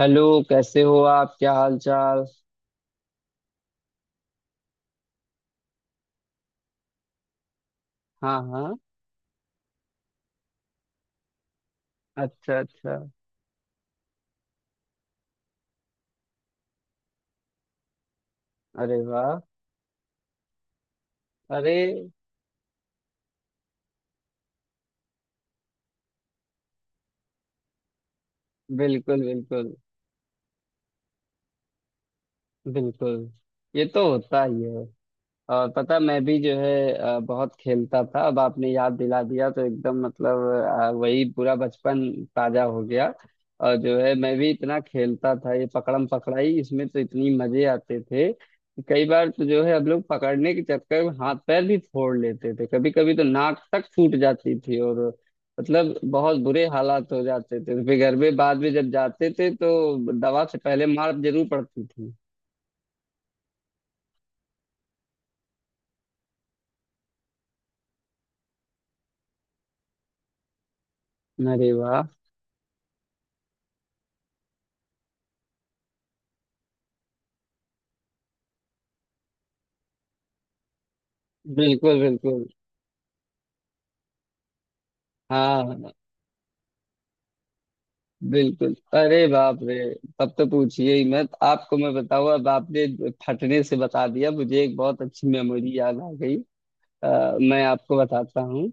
Hello. कैसे हो आप? क्या हाल चाल? हाँ हाँ। अच्छा अच्छा। अरे वाह। अरे। बिल्कुल बिल्कुल बिल्कुल। ये तो होता ही है। और पता मैं भी जो है बहुत खेलता था। अब आपने याद दिला दिया तो एकदम मतलब वही पूरा बचपन ताजा हो गया। और जो है मैं भी इतना खेलता था ये पकड़म पकड़ाई, इसमें तो इतनी मजे आते थे कि कई बार तो जो है हम लोग पकड़ने के चक्कर में हाथ पैर भी फोड़ लेते थे। कभी कभी तो नाक तक फूट जाती थी और मतलब बहुत बुरे हालात हो जाते थे। फिर घर में बाद में जब जाते थे तो दवा से पहले मार जरूर पड़ती थी। अरे वाह। बिल्कुल बिल्कुल। हाँ। बिल्कुल। अरे बाप रे। तब तो पूछिए ही मत। आपको मैं बताऊं, अब आपने फटने से बता दिया, मुझे एक बहुत अच्छी मेमोरी याद आ गई। मैं आपको बताता हूँ।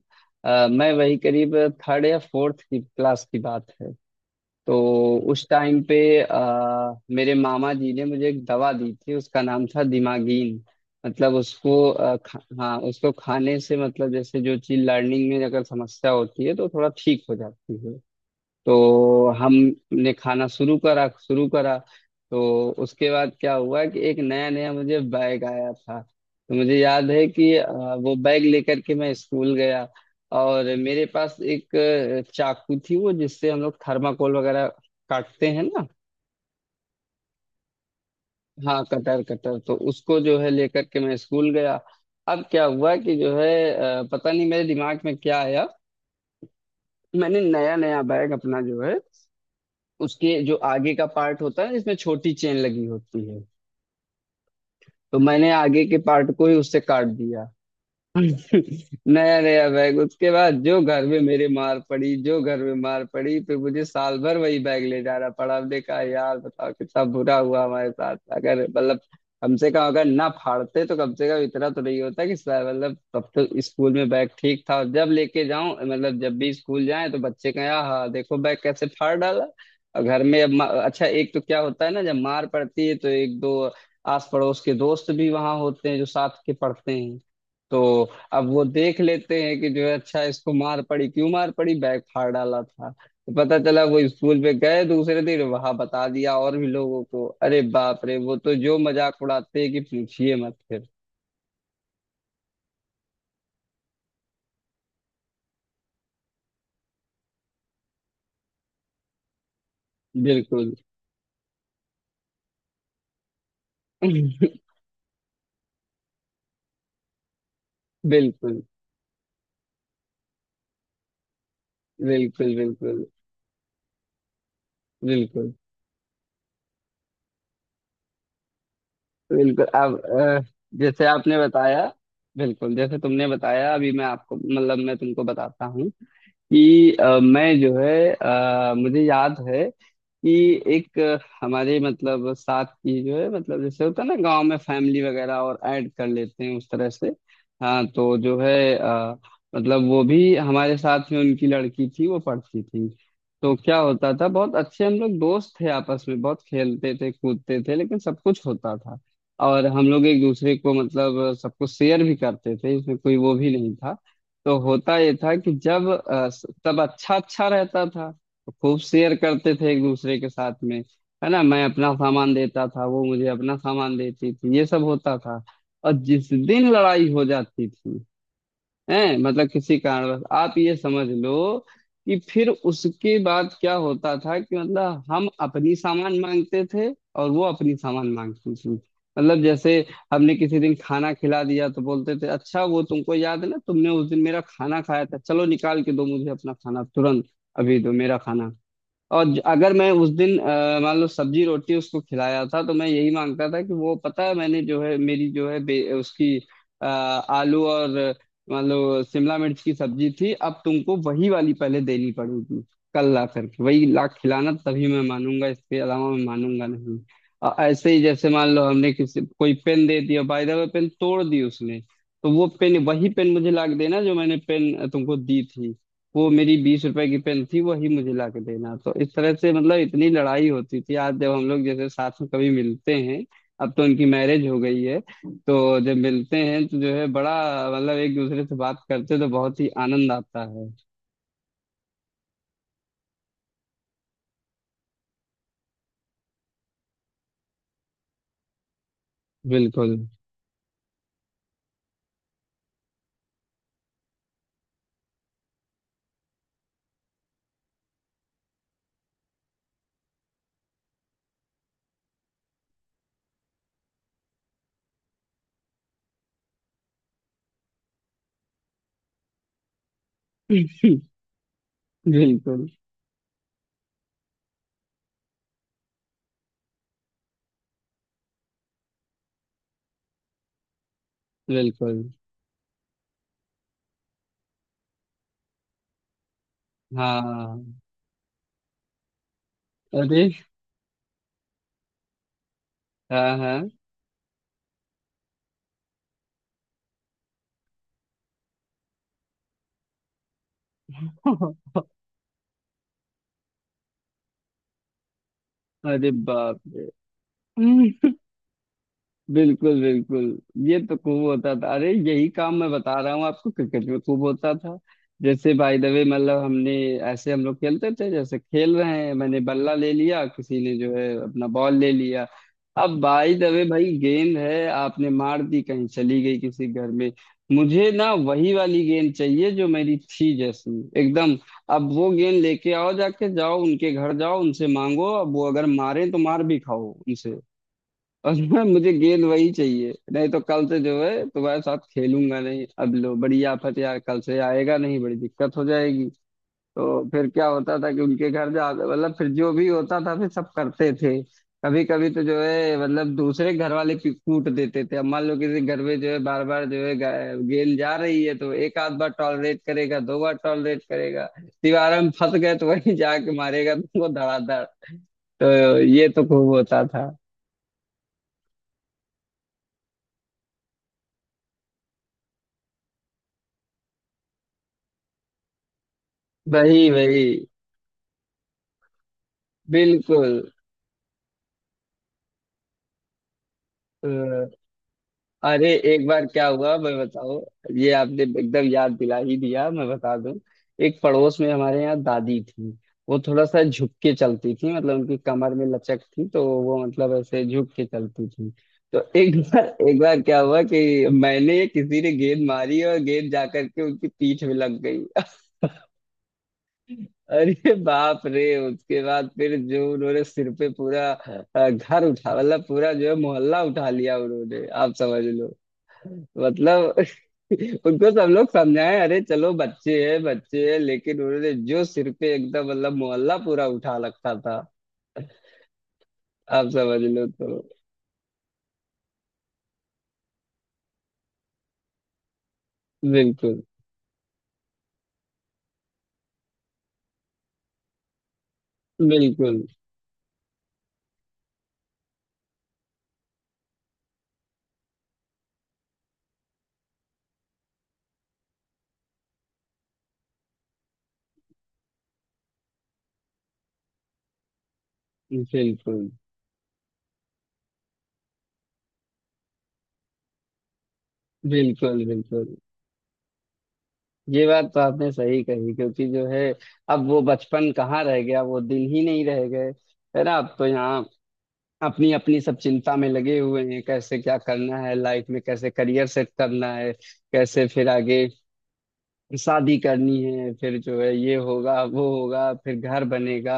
मैं वही करीब थर्ड या फोर्थ की क्लास की बात है। तो उस टाइम पे मेरे मामा जी ने मुझे एक दवा दी थी, उसका नाम था दिमागीन। मतलब उसको हाँ उसको खाने से, मतलब जैसे जो चीज लर्निंग में अगर समस्या होती है तो थोड़ा ठीक हो जाती है। तो हमने खाना शुरू करा। तो उसके बाद क्या हुआ कि एक नया नया मुझे बैग आया था, तो मुझे याद है कि वो बैग लेकर के मैं स्कूल गया। और मेरे पास एक चाकू थी, वो जिससे हम लोग थर्माकोल वगैरह काटते हैं ना। हाँ कटर, कटर तो उसको जो है लेकर के मैं स्कूल गया। अब क्या हुआ कि जो है पता नहीं मेरे दिमाग में क्या आया। मैंने नया नया बैग अपना, जो है उसके जो आगे का पार्ट होता है, इसमें छोटी चेन लगी होती है, तो मैंने आगे के पार्ट को ही उससे काट दिया। नया नया बैग, उसके बाद जो घर में मेरे मार पड़ी, जो घर में मार पड़ी, फिर मुझे साल भर वही बैग ले जाना पड़ा। हमने कहा यार बताओ कितना बुरा हुआ हमारे साथ, अगर मतलब हमसे कहा अगर ना फाड़ते तो कम से कम इतना तो नहीं होता कि मतलब तब तो स्कूल में बैग ठीक था, और जब लेके जाऊं मतलब जब भी स्कूल जाए तो बच्चे कहें आहा देखो बैग कैसे फाड़ डाला। और घर में अब अच्छा, एक तो क्या होता है ना, जब मार पड़ती है तो एक दो आस पड़ोस के दोस्त भी वहां होते हैं जो साथ के पढ़ते हैं। तो अब वो देख लेते हैं कि जो है अच्छा इसको मार पड़ी, क्यों मार पड़ी, बैग फाड़ डाला था। तो पता चला वो स्कूल पे गए दूसरे दिन, वहां बता दिया और भी लोगों को, अरे बाप रे, वो तो जो मजाक उड़ाते हैं कि पूछिए मत फिर। बिल्कुल। बिल्कुल बिल्कुल। बिल्कुल बिल्कुल बिल्कुल। अब जैसे आपने बताया, बिल्कुल जैसे तुमने बताया अभी, मैं आपको मतलब मैं तुमको बताता हूँ कि मैं जो है मुझे याद है कि एक हमारे मतलब साथ की जो है, मतलब जैसे होता है ना गांव में फैमिली वगैरह और ऐड कर लेते हैं उस तरह से। हाँ, तो जो है मतलब वो भी हमारे साथ में, उनकी लड़की थी, वो पढ़ती थी। तो क्या होता था, बहुत अच्छे हम लोग दोस्त थे, आपस में बहुत खेलते थे कूदते थे, लेकिन सब कुछ होता था। और हम लोग एक दूसरे को मतलब सब कुछ शेयर भी करते थे, इसमें कोई वो भी नहीं था। तो होता ये था कि जब सब अच्छा अच्छा रहता था तो खूब शेयर करते थे एक दूसरे के साथ में, है ना। मैं अपना सामान देता था, वो मुझे अपना सामान देती थी, ये सब होता था। और जिस दिन लड़ाई हो जाती थी हैं, मतलब किसी कारणवश, आप ये समझ लो कि फिर उसके बाद क्या होता था कि मतलब हम अपनी सामान मांगते थे और वो अपनी सामान मांगती थी। मतलब जैसे हमने किसी दिन खाना खिला दिया तो बोलते थे, अच्छा वो तुमको याद है ना, तुमने उस दिन मेरा खाना खाया था, चलो निकाल के दो मुझे अपना खाना तुरंत, अभी दो मेरा खाना। और अगर मैं उस दिन मान लो सब्जी रोटी उसको खिलाया था तो मैं यही मांगता था कि वो पता है मैंने जो है मेरी जो है उसकी आलू और मान लो शिमला मिर्च की सब्जी थी, अब तुमको वही वाली पहले देनी पड़ेगी। कल ला करके वही ला खिलाना तभी मैं मानूंगा, इसके अलावा मैं मानूंगा नहीं। ऐसे ही जैसे मान लो हमने किसी कोई पेन दे दिया, बाय द वे पेन तोड़ दी उसने, तो वो पेन वही पेन मुझे ला के देना जो मैंने पेन तुमको दी थी। वो मेरी 20 रुपए की पेन थी, वही मुझे ला के देना। तो इस तरह से मतलब इतनी लड़ाई होती थी। आज जब हम लोग जैसे साथ में कभी मिलते हैं, अब तो उनकी मैरिज हो गई है, तो जब मिलते हैं तो जो है बड़ा, मतलब एक दूसरे से बात करते हैं, तो बहुत ही आनंद आता है। बिल्कुल। बिल्कुल बिल्कुल। हाँ। अरे। हाँ हाँ। अरे बाप रे। बिल्कुल बिल्कुल। ये तो खूब होता था। अरे यही काम मैं बता रहा हूँ आपको, क्रिकेट में खूब होता था। जैसे बाय द वे मतलब हमने, ऐसे हम लोग खेलते थे, जैसे खेल रहे हैं मैंने बल्ला ले लिया, किसी ने जो है अपना बॉल ले लिया। अब बाय द वे भाई गेंद है, आपने मार दी कहीं, चली गई किसी घर में। मुझे ना वही वाली गेंद चाहिए जो मेरी थी, जैसी एकदम। अब वो गेंद लेके आओ, जाके जाओ उनके घर, जाओ उनसे मांगो, अब वो अगर मारे तो मार भी खाओ उनसे। और ना मुझे गेंद वही चाहिए, नहीं तो कल से जो है तुम्हारे साथ खेलूंगा नहीं। अब लो बड़ी आफत, यार कल से आएगा नहीं, बड़ी दिक्कत हो जाएगी। तो फिर क्या होता था कि उनके घर जा, मतलब फिर जो भी होता था, फिर सब करते थे। कभी कभी तो जो है मतलब दूसरे घर वाले कूट देते थे। अब मान लो किसी घर में जो है बार बार जो है गेंद जा रही है तो एक आध बार टॉलरेट करेगा, दो बार टॉलरेट करेगा, दीवार में फंस गए तो वहीं जाके मारेगा तुमको धड़ाधड़। तो ये तो खूब होता था। वही वही। बिल्कुल। अ, अरे एक बार क्या हुआ मैं बताओ, ये आपने एकदम याद दिला ही दिया, मैं बता दूं। एक पड़ोस में हमारे यहाँ दादी थी, वो थोड़ा सा झुक के चलती थी, मतलब उनकी कमर में लचक थी तो वो मतलब ऐसे झुक के चलती थी। तो एक बार क्या हुआ कि मैंने, किसी ने गेंद मारी और गेंद जा करके उनकी पीठ में लग गई। अरे बाप रे। उसके बाद फिर जो उन्होंने सिर पे पूरा घर उठा, मतलब पूरा जो है मोहल्ला उठा लिया उन्होंने, आप समझ लो। मतलब उनको सब लोग समझाए अरे चलो बच्चे हैं बच्चे हैं, लेकिन उन्होंने जो सिर पे एकदम मतलब मोहल्ला पूरा उठा रखा था, आप समझ लो तो। बिल्कुल बिल्कुल। बिल्कुल बिल्कुल बिल्कुल। ये बात तो आपने सही कही, क्योंकि जो है अब वो बचपन कहाँ रह गया, वो दिन ही नहीं रह गए, है ना। अब तो यहाँ अपनी अपनी सब चिंता में लगे हुए हैं, कैसे क्या करना है लाइफ में, कैसे करियर सेट करना है, कैसे फिर आगे शादी करनी है, फिर जो है ये होगा वो होगा, फिर घर बनेगा,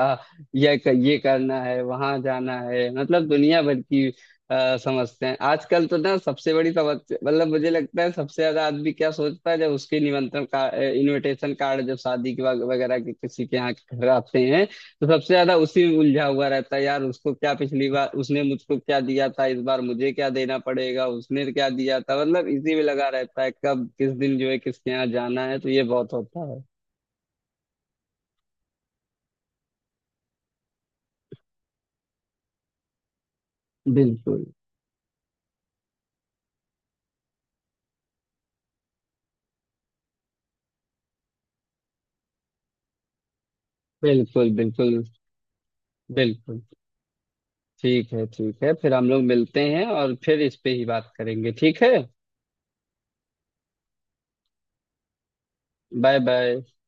ये करना है वहां जाना है, मतलब दुनिया भर की समझते हैं। आजकल तो ना सबसे बड़ी समस्या, मतलब मुझे लगता है सबसे ज्यादा आदमी क्या सोचता है जब उसके निमंत्रण का इनविटेशन कार्ड जब शादी के वगैरह के किसी के यहाँ घर आते हैं, तो सबसे ज्यादा उसी में उलझा हुआ रहता है यार, उसको क्या पिछली बार उसने मुझको क्या दिया था, इस बार मुझे क्या देना पड़ेगा, उसने क्या दिया था, मतलब इसी में लगा रहता है कब किस दिन जो है किसके यहाँ जाना है। तो ये बहुत होता है। बिल्कुल बिल्कुल। बिल्कुल बिल्कुल। ठीक है ठीक है, फिर हम लोग मिलते हैं और फिर इस पे ही बात करेंगे, ठीक है। Bye bye.